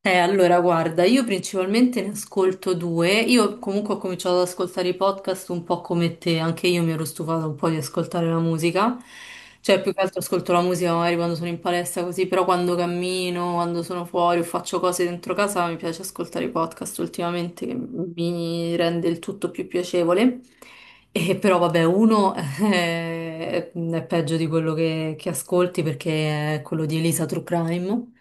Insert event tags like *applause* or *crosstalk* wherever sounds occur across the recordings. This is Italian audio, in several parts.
Guarda, io principalmente ne ascolto due. Io comunque ho cominciato ad ascoltare i podcast un po' come te, anche io mi ero stufata un po' di ascoltare la musica. Cioè, più che altro ascolto la musica magari quando sono in palestra così, però quando cammino, quando sono fuori o faccio cose dentro casa, mi piace ascoltare i podcast ultimamente, che mi rende il tutto più piacevole. E però vabbè, uno è peggio di quello che ascolti perché è quello di Elisa True Crime.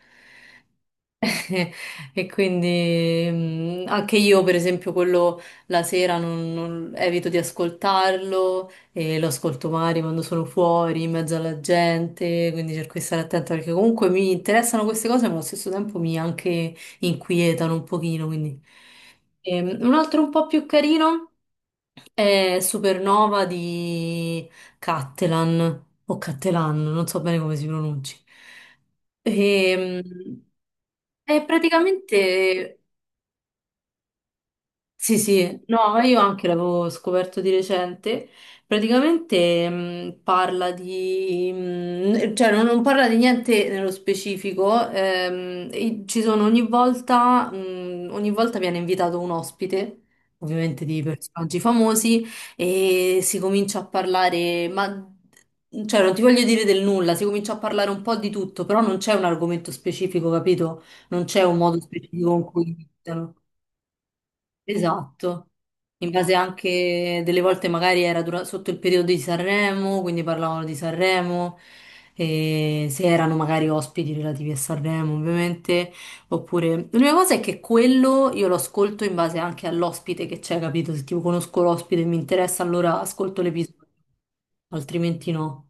Eh, E quindi anche io, per esempio, quello la sera evito di ascoltarlo e lo ascolto magari quando sono fuori, in mezzo alla gente, quindi cerco di stare attenta perché comunque mi interessano queste cose, ma allo stesso tempo mi anche inquietano un pochino, quindi. Un altro un po' più carino è Supernova di Cattelan o Cattelan, non so bene come si pronunci. Ehm, e praticamente sì, sì, no, io anche l'avevo scoperto di recente. Praticamente parla di, cioè non parla di niente nello specifico, e ci sono ogni volta viene invitato un ospite, ovviamente di personaggi famosi, e si comincia a parlare, ma cioè non ti voglio dire del nulla, si comincia a parlare un po' di tutto, però non c'è un argomento specifico, capito? Non c'è un modo specifico con cui iniziano. Esatto, in base anche delle volte magari era sotto il periodo di Sanremo, quindi parlavano di Sanremo, e se erano magari ospiti relativi a Sanremo ovviamente, oppure l'unica cosa è che quello io lo ascolto in base anche all'ospite che c'è, capito? Se tipo conosco l'ospite e mi interessa allora ascolto l'episodio, altrimenti no.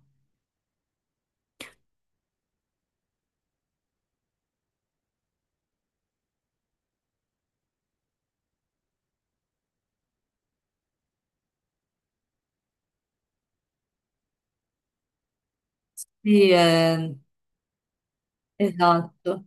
Sì, esatto.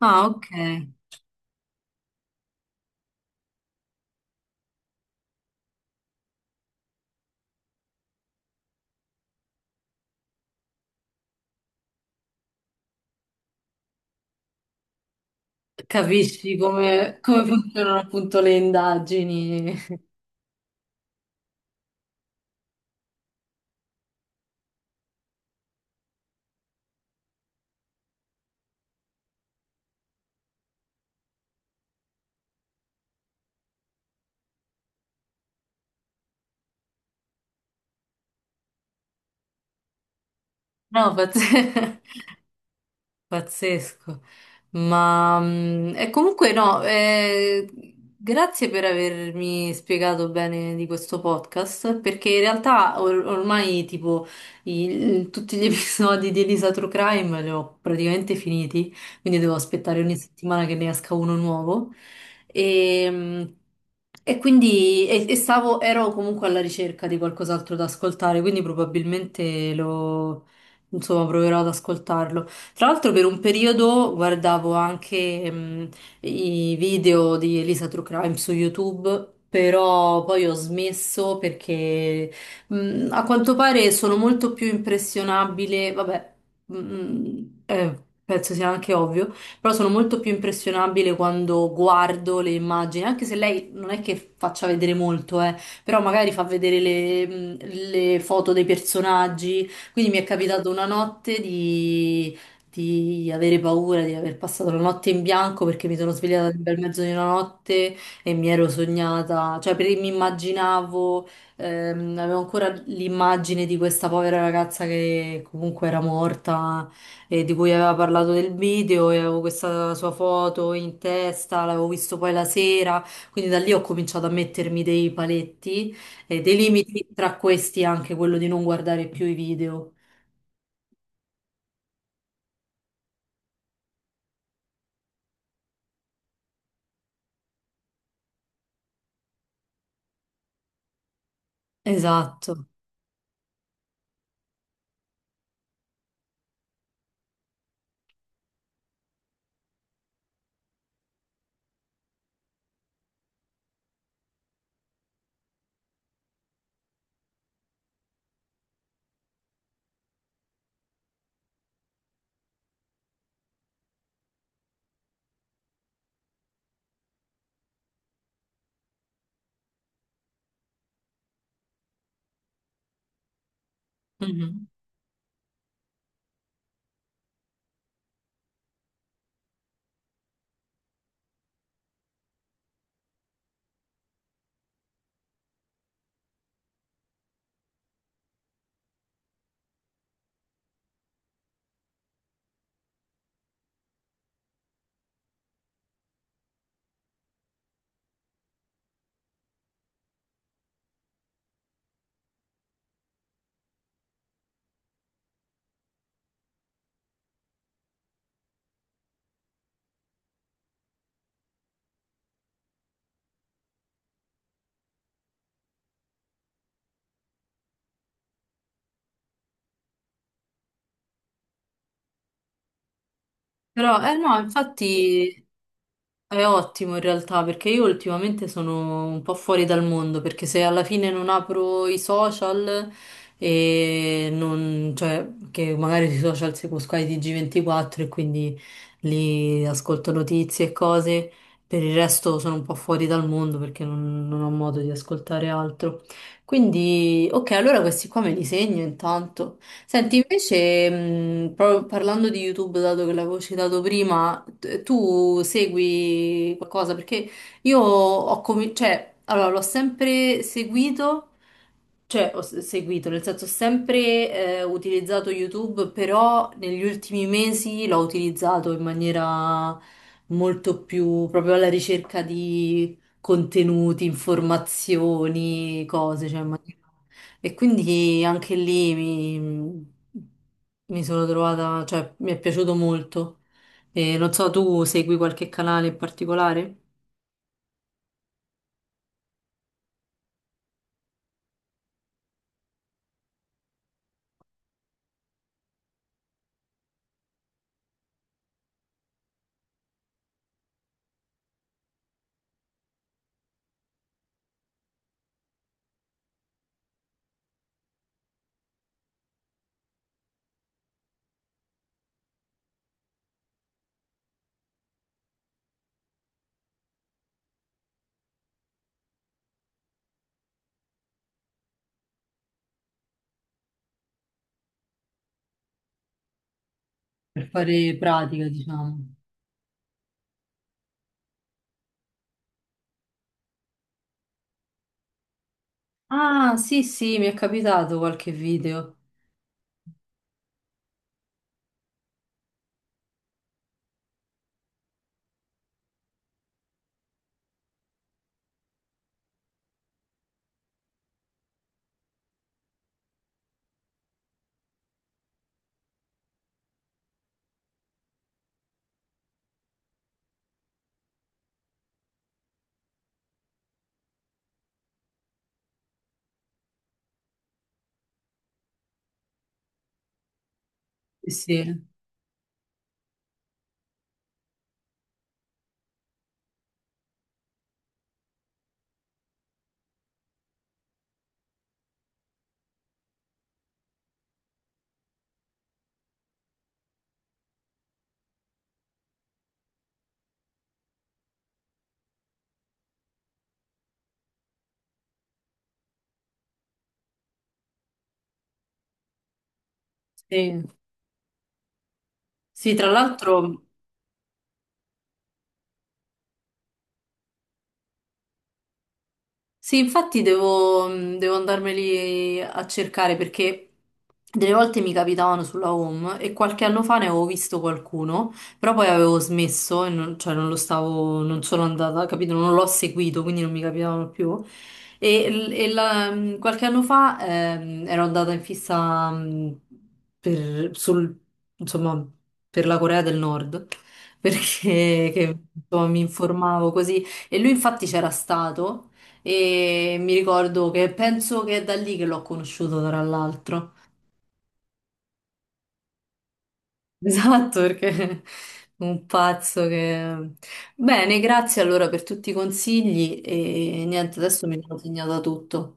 Ah, ok. Capisci come, come funzionano appunto le indagini. No, but *laughs* pazzesco, ma e comunque no, grazie per avermi spiegato bene di questo podcast, perché in realtà ormai tipo tutti gli *laughs* episodi di Elisa True Crime li ho praticamente finiti, quindi devo aspettare ogni settimana che ne esca uno nuovo. E, mm, e quindi e stavo, ero comunque alla ricerca di qualcos'altro da ascoltare, quindi probabilmente lo, insomma, proverò ad ascoltarlo. Tra l'altro per un periodo guardavo anche i video di Elisa True Crime su YouTube, però poi ho smesso perché a quanto pare sono molto più impressionabile, vabbè, mh, eh, penso sia anche ovvio, però sono molto più impressionabile quando guardo le immagini, anche se lei non è che faccia vedere molto, però magari fa vedere le foto dei personaggi. Quindi mi è capitato una notte di avere paura di aver passato la notte in bianco perché mi sono svegliata nel bel mezzo di una notte e mi ero sognata, cioè mi immaginavo, avevo ancora l'immagine di questa povera ragazza che comunque era morta e di cui aveva parlato del video e avevo questa sua foto in testa, l'avevo visto poi la sera, quindi da lì ho cominciato a mettermi dei paletti e dei limiti, tra questi anche quello di non guardare più i video. Esatto. Mhm. Però, eh no, infatti è ottimo in realtà perché io ultimamente sono un po' fuori dal mondo perché se alla fine non apro i social e non, cioè, che magari sui social seguo Sky TG24 e quindi lì ascolto notizie e cose, per il resto sono un po' fuori dal mondo perché non ho modo di ascoltare altro. Quindi, ok, allora questi qua me li segno intanto. Senti, invece, parlando di YouTube, dato che l'avevo citato prima, tu segui qualcosa? Perché io ho cominciato, cioè, allora, l'ho sempre seguito, cioè, seguito, nel senso, ho sempre utilizzato YouTube, però negli ultimi mesi l'ho utilizzato in maniera molto più proprio alla ricerca di contenuti, informazioni, cose, cioè, in maniera... E quindi anche lì mi, mi sono trovata, cioè mi è piaciuto molto. E non so, tu segui qualche canale in particolare? Per fare pratica, diciamo. Ah, sì, sì, mi è capitato qualche video. Sì, sì. Sì, sì, tra l'altro. Sì, infatti devo, devo andarmeli a cercare perché delle volte mi capitavano sulla home e qualche anno fa ne avevo visto qualcuno, però poi avevo smesso, e non, cioè non lo stavo, non sono andata, capito? Non l'ho seguito, quindi non mi capitavano più. Qualche anno fa ero andata in fissa per, sul, insomma, per la Corea del Nord, perché che, insomma, mi informavo così e lui infatti c'era stato. E mi ricordo che penso che è da lì che l'ho conosciuto, tra l'altro. *laughs* Esatto, perché un pazzo che... Bene, grazie allora per tutti i consigli e niente, adesso mi sono segnata tutto.